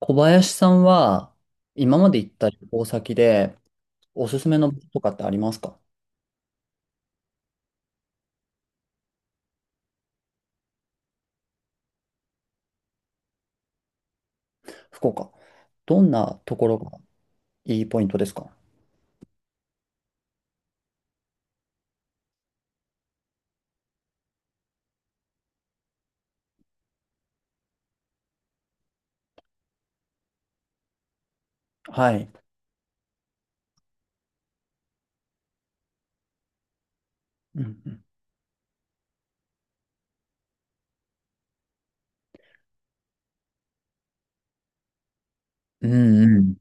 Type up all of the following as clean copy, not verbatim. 小林さんは、今まで行った旅行先で、おすすめの場所とかってありますか？福岡。どんなところがいいポイントですか？はい。うんうん。うんうん。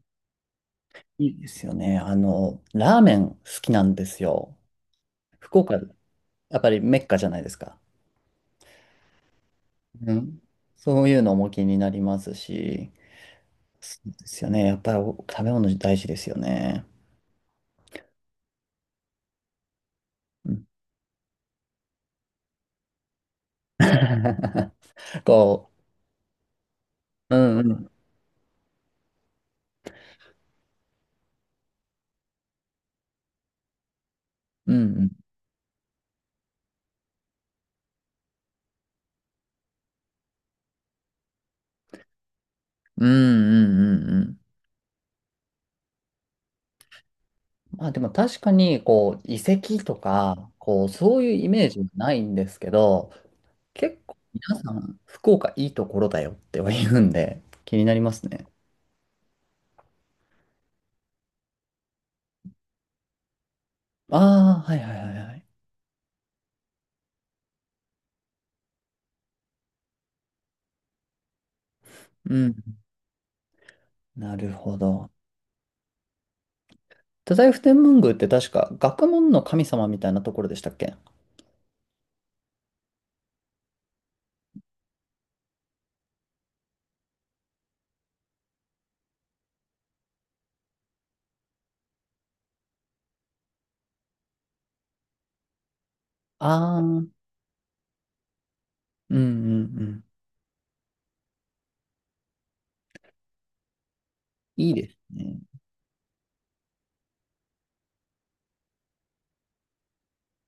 いいですよね。あの、ラーメン好きなんですよ。福岡、やっぱりメッカじゃないですか。うん。そういうのも気になりますし、そうですよね。やっぱりお食べ物大事ですよね。うん。 こう、うんうん。うんうん。うんうんうんうん。まあでも確かに、こう、遺跡とか、こう、そういうイメージはないんですけど、結構皆さん、福岡いいところだよっては言うんで、気になりますね。ああ、はいはいはいはい。うん。なるほど。太宰府天満宮って確か学問の神様みたいなところでしたっけ？ああー、うんうんうん。いいですね。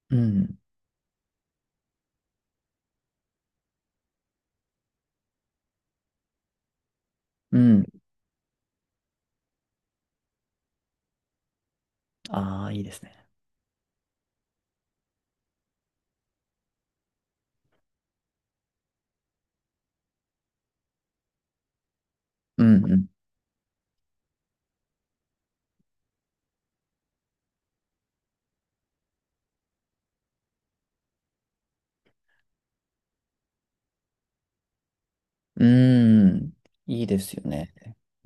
うん。うん。ああ、いいですね。うんうん。うーん、いいですよね。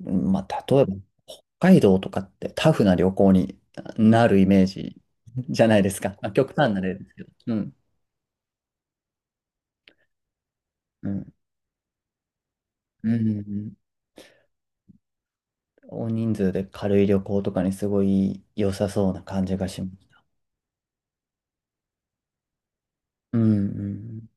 うんまあ、例えば、北海道とかってタフな旅行になるイメージじゃないですか。まあ、極端な例ですけど。うん。うん。うん。うん。大人数で軽い旅行とかにすごい良さそうな感じがします。うん。うん。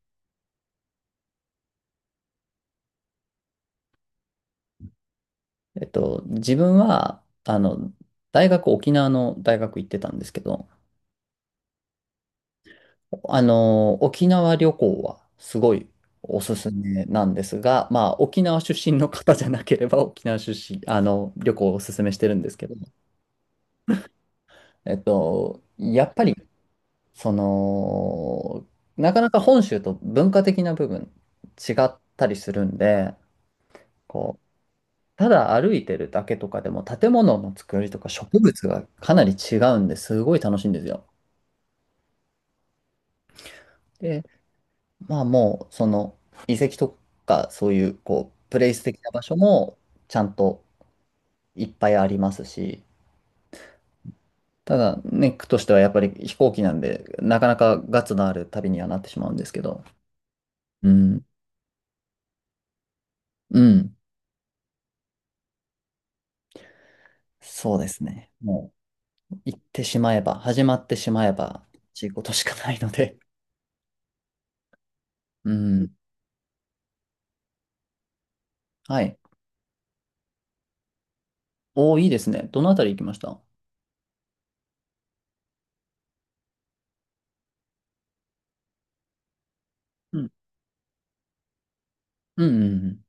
自分は、あの、大学、沖縄の大学行ってたんですけど、あの、沖縄旅行はすごいおすすめなんですが、まあ、沖縄出身の方じゃなければ、沖縄出身、あの、旅行をおすすめしてるんですけど、やっぱり、その、なかなか本州と文化的な部分違ったりするんで、こう、ただ歩いてるだけとかでも建物の作りとか植物がかなり違うんですごい楽しいんですよ。でまあもう、その、遺跡とか、そういう、こう、プレイス的な場所も、ちゃんといっぱいありますし、ただね、ネックとしてはやっぱり飛行機なんで、なかなかガッツのある旅にはなってしまうんですけど、うん、うん、そうですね。もう、行ってしまえば、始まってしまえば、ちいことしかないので、うん、はい。おー、いいですね。どのあたり行きました？うん、うん、うんうん。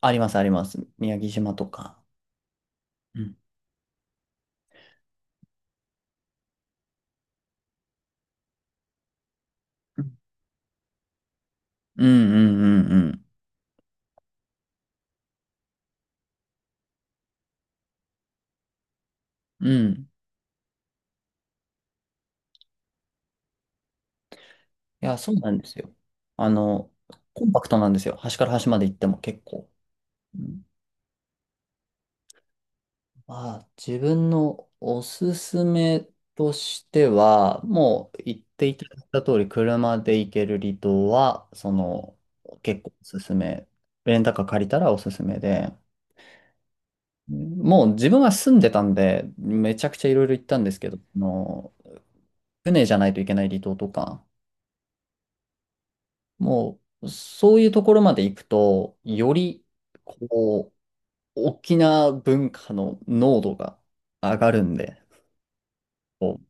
あります、あります。宮城島とか。うん、うん、うん、うん、うん。うん。いや、そうなんですよ。あの、コンパクトなんですよ。端から端まで行っても結構。うん。まあ、自分のおすすめとしては、もう言っていただいた通り、車で行ける離島は、その、結構おすすめ。レンタカー借りたらおすすめで、もう自分は住んでたんで、めちゃくちゃいろいろ行ったんですけど、あの、船じゃないといけない離島とか、もう、そういうところまで行くと、より、こう、沖縄文化の濃度が上がるんで、こう、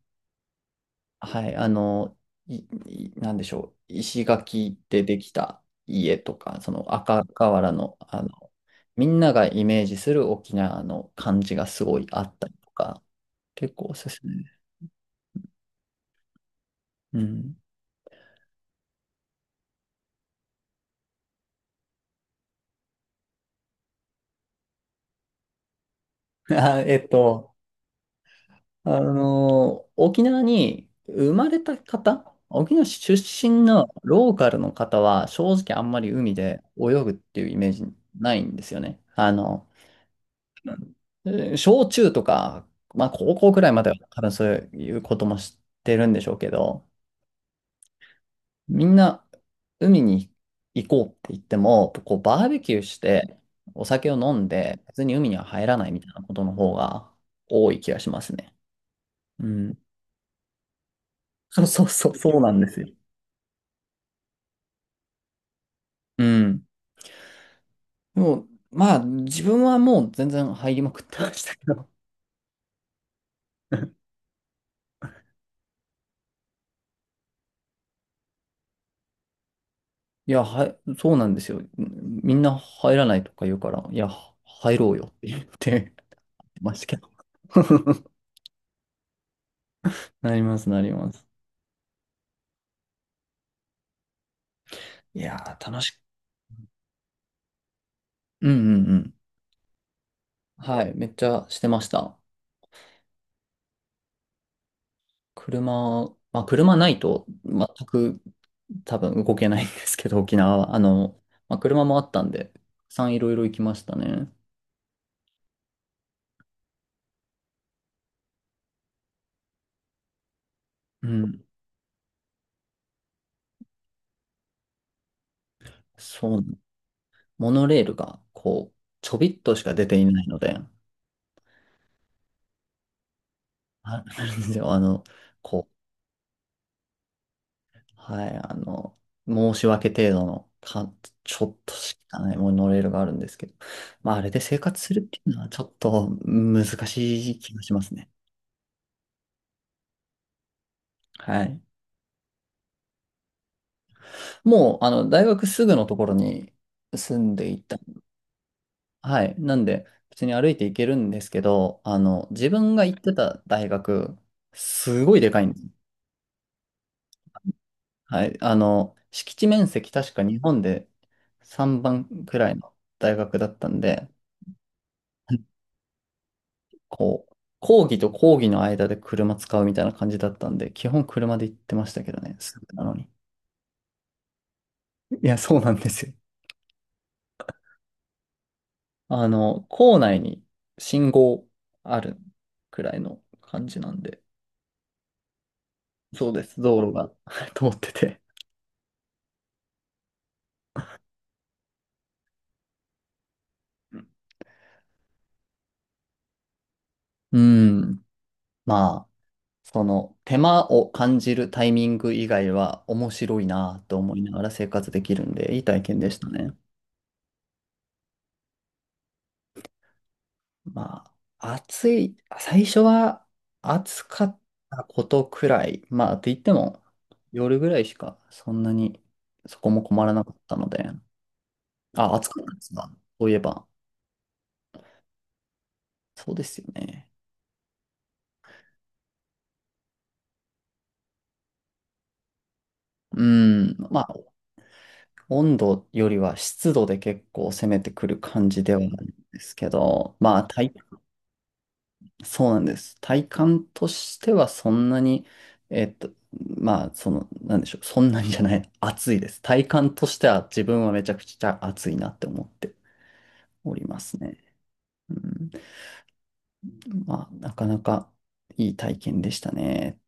はい、あの、い、いなんでしょう、石垣でできた家とか、その赤瓦の、あの、みんながイメージする沖縄の感じがすごいあったりとか、結構おすすめです。うん。あ、あの、沖縄に生まれた方、沖縄市出身のローカルの方は、正直あんまり海で泳ぐっていうイメージないんですよね。あの、えー小中とか、まあ高校くらいまでは多分そういうことも知ってるんでしょうけど、みんな海に行こうって言っても、こうバーベキューしてお酒を飲んで、別に海には入らないみたいなことの方が多い気がしますね。うん。そうそうそう、そうなんですよ。うん。でも、まあ、自分はもう全然入りまくってましたけど。いや、はい、そうなんですよ。みんな入らないとか言うから、いや、入ろうよって言ってましたけど。なります、なります。いやー、楽しく。うんうんうん。はい、めっちゃしてました。車、まあ、車ないと全く多分動けないんですけど、沖縄は。あの、まあ、車もあったんで、たくさんいろいろ行きましたね。うん、そう。モノレールが、こう、ちょびっとしか出ていないので、あ、なんですよ、あの、こう、はい、あの、申し訳程度の、か、ちょっとしかないモノレールがあるんですけど、まあ、あれで生活するっていうのはちょっと難しい気がしますね。はい。もう、あの、大学すぐのところに住んでいた。はい。なんで、普通に歩いて行けるんですけど、あの、自分が行ってた大学、すごいでかいんです。はい。あの、敷地面積確か日本で3番くらいの大学だったんで、こう、講義と講義の間で車使うみたいな感じだったんで、基本車で行ってましたけどね、すぐなのに。いや、そうなんですよ。あの、校内に信号あるくらいの感じなんで、そうです、道路が 通ってて。うん。まあその手間を感じるタイミング以外は面白いなと思いながら生活できるんで、いい体験でしたね。まあ、暑い、最初は暑かったことくらい、まあ、って言っても夜ぐらいしかそんなにそこも困らなかったので、あ、暑かったですか？そういえば。そうですよね。うん、まあ、温度よりは湿度で結構攻めてくる感じではあるんですけど、まあ、体そうなんです。体感としてはそんなに、えっと、まあ、その、なんでしょう、そんなにじゃない、暑いです。体感としては自分はめちゃくちゃ暑いなって思っておりますね。うん、まあ、なかなかいい体験でしたね。